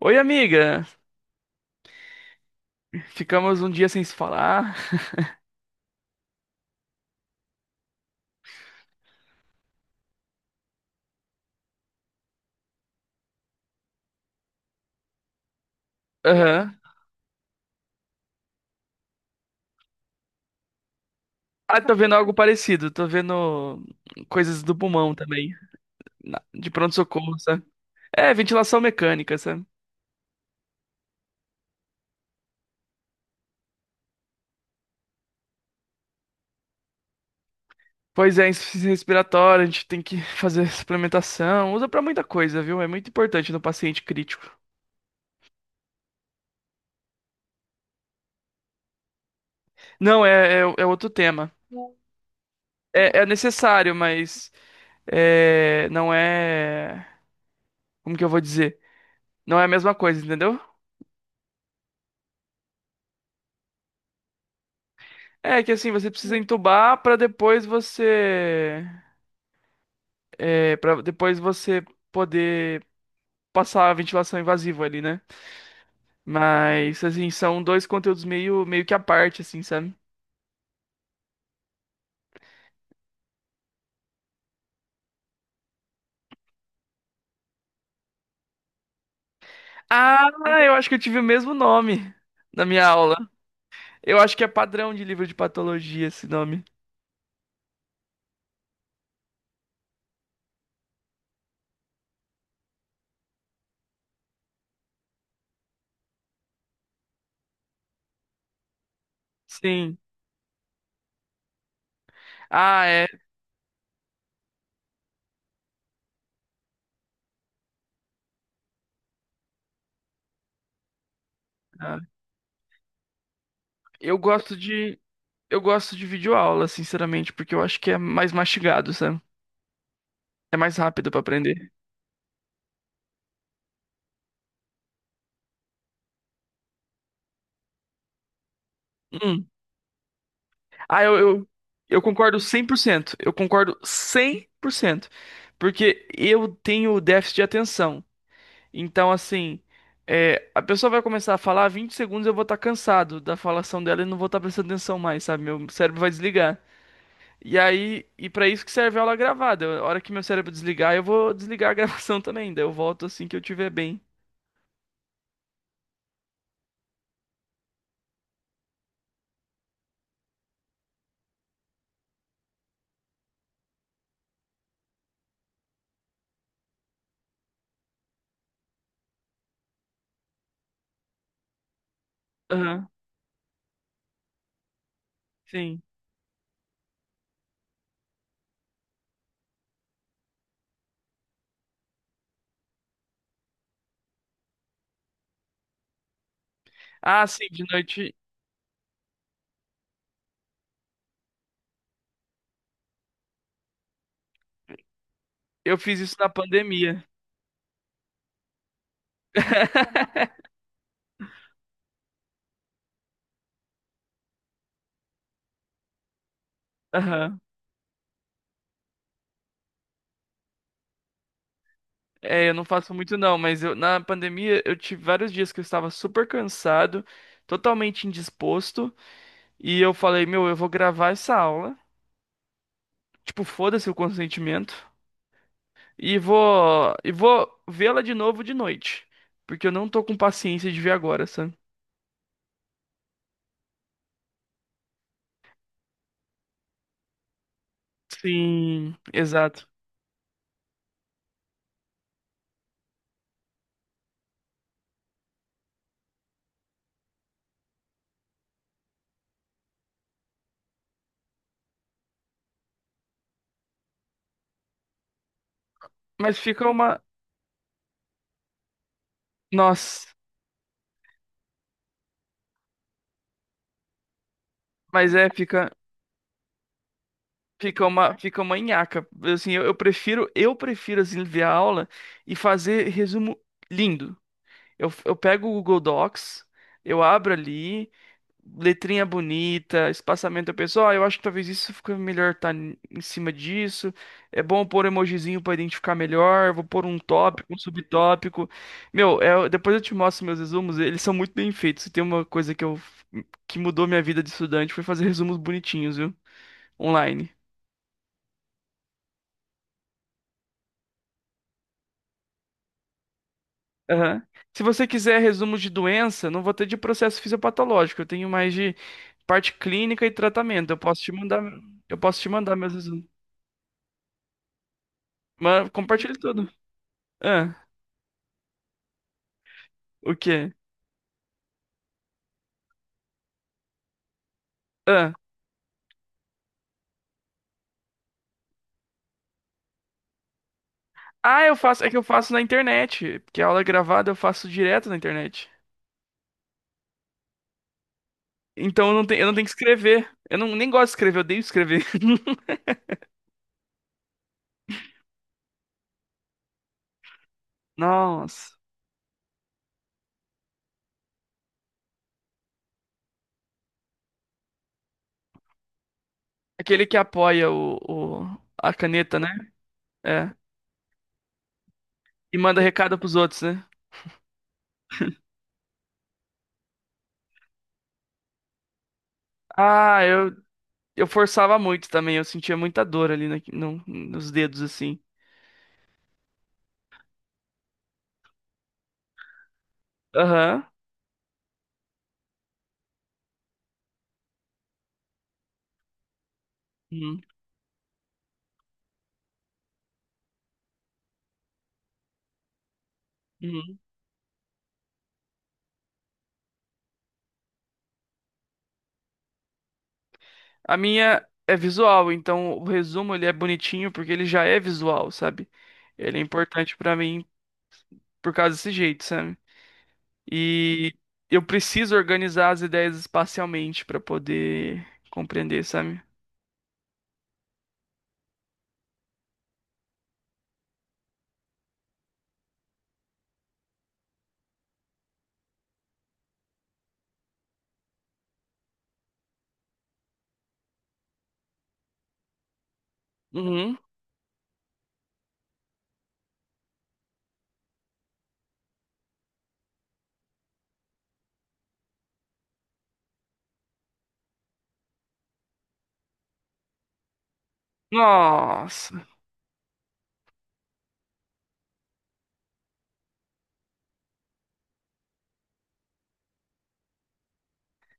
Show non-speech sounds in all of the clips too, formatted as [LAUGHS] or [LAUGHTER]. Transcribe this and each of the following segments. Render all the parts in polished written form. Oi, amiga. Ficamos um dia sem se falar. [LAUGHS] Aham. Ah, tô vendo algo parecido. Tô vendo coisas do pulmão também. De pronto-socorro, sabe? É, ventilação mecânica, sabe? Pois é, insuficiência respiratória, a gente tem que [LAUGHS] fazer suplementação. Usa pra muita coisa, viu? É muito importante no paciente crítico. Não, é outro tema. É, é necessário, mas não é. Como que eu vou dizer? Não é a mesma coisa, entendeu? É que assim, você precisa entubar pra depois você para depois você poder passar a ventilação invasiva ali, né? Mas assim, são dois conteúdos meio que à parte assim, sabe? Ah, eu acho que eu tive o mesmo nome na minha aula. Eu acho que é padrão de livro de patologia esse nome. Sim. Ah, é. Ah, Eu gosto de eu gosto de videoaula, sinceramente, porque eu acho que é mais mastigado, sabe? É mais rápido pra aprender. Hum. Ah, eu, eu, eu concordo 100%. Eu concordo 100%, porque eu tenho déficit de atenção. Então, assim, a pessoa vai começar a falar 20 segundos, eu vou estar cansado da falação dela e não vou estar prestando atenção mais, sabe? Meu cérebro vai desligar. E aí, e para isso que serve a aula gravada. A hora que meu cérebro desligar, eu vou desligar a [LAUGHS] gravação também. Daí eu volto assim que eu tiver bem. Aham, sim. Ah, sim, de noite eu fiz isso na pandemia. [LAUGHS] Aham. É, eu não faço muito não, mas eu, na pandemia eu tive vários dias que eu estava super cansado, totalmente indisposto, e eu falei, meu, eu vou gravar essa aula, tipo, foda-se o consentimento, e vou vê-la de novo de noite, porque eu não tô com paciência de ver agora, sabe? Sim, exato. Mas fica uma, nossa, mas é fica fica uma nhaca. Assim, eu prefiro assim ver a aula e fazer resumo lindo. Eu pego o Google Docs, eu abro ali, letrinha bonita, espaçamento. Eu penso, ó, eu acho que talvez isso fique melhor em cima disso. É bom pôr emojizinho pra identificar melhor. Vou pôr um tópico, um subtópico. Meu, depois eu te mostro meus resumos, eles são muito bem feitos. Se tem uma coisa que mudou minha vida de estudante foi fazer resumos bonitinhos, viu? Online. Aham. Se você quiser resumos de doença, não vou ter de processo fisiopatológico. Eu tenho mais de parte clínica e tratamento. Eu posso te mandar, eu posso te mandar meus resultados. Mas compartilhe tudo. Ah, o quê? Ah. Ah, eu faço, é que eu faço na internet, porque a aula é gravada eu faço direto na internet. Então eu não tenho que escrever. Eu não, nem gosto de escrever, eu odeio escrever. [LAUGHS] Nossa. Aquele que apoia a caneta, né? É. E manda recado pros outros, né? Ah, eu forçava muito também. Eu sentia muita dor ali nos dedos, assim. Aham. Uhum. Uhum. A minha é visual, então o resumo ele é bonitinho porque ele já é visual, sabe? Ele é importante pra mim por causa desse jeito, sabe? E eu preciso organizar as ideias espacialmente pra poder compreender, sabe? Uhum. Nossa,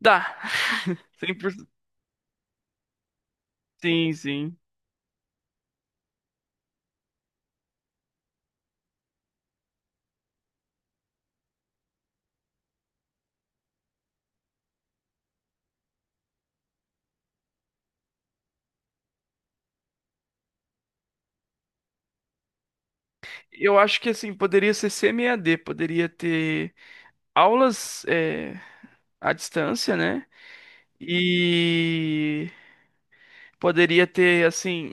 dá. [LAUGHS] 100%. Sim, sim. Eu acho que assim, poderia ser CMAD, poderia ter aulas à distância, né? E poderia ter assim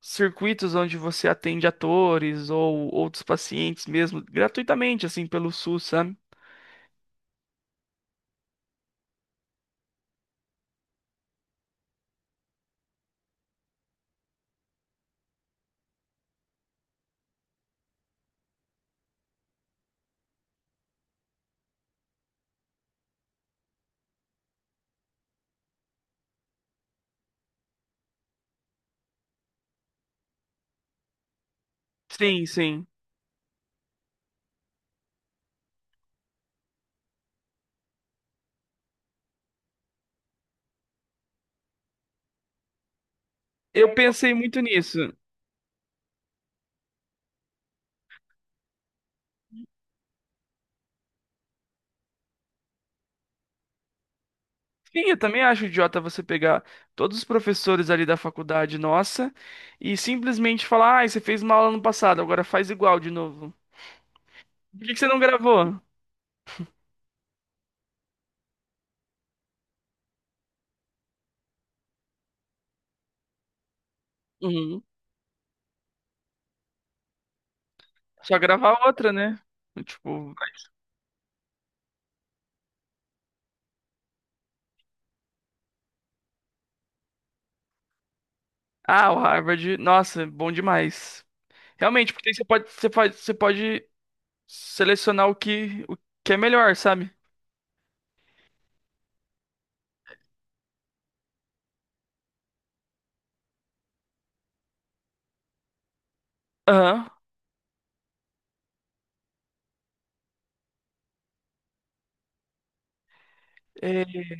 circuitos onde você atende atores ou outros pacientes mesmo, gratuitamente, assim, pelo SUS, sabe? Sim, sim. Eu pensei muito nisso. Sim, eu também acho idiota você pegar todos os professores ali da faculdade nossa e simplesmente falar, ah, você fez uma aula no passado, agora faz igual de novo. Por que que você não gravou? Uhum. Só gravar outra, né? Tipo, ah, o Harvard, nossa, bom demais. Realmente, porque você pode selecionar o que é melhor, sabe? Aham, é,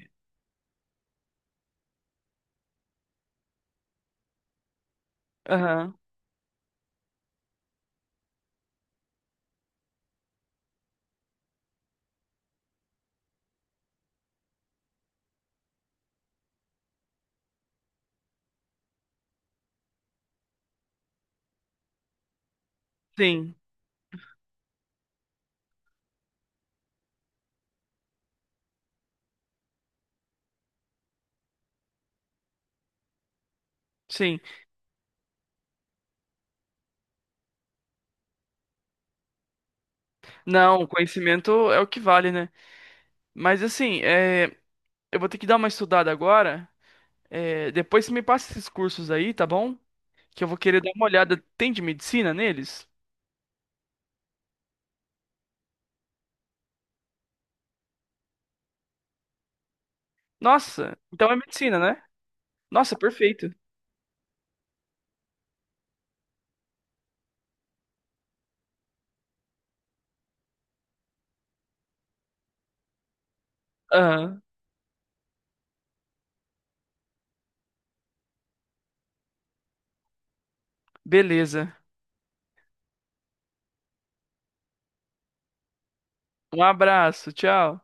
aham, sim, sim. Não, o conhecimento é o que vale, né? Mas assim, eu vou ter que dar uma estudada agora. É, depois você me passa esses cursos aí, tá bom? Que eu vou querer dar uma olhada. Tem de medicina neles? Nossa, então é medicina, né? Nossa, perfeito. Aham, beleza. Um abraço, tchau.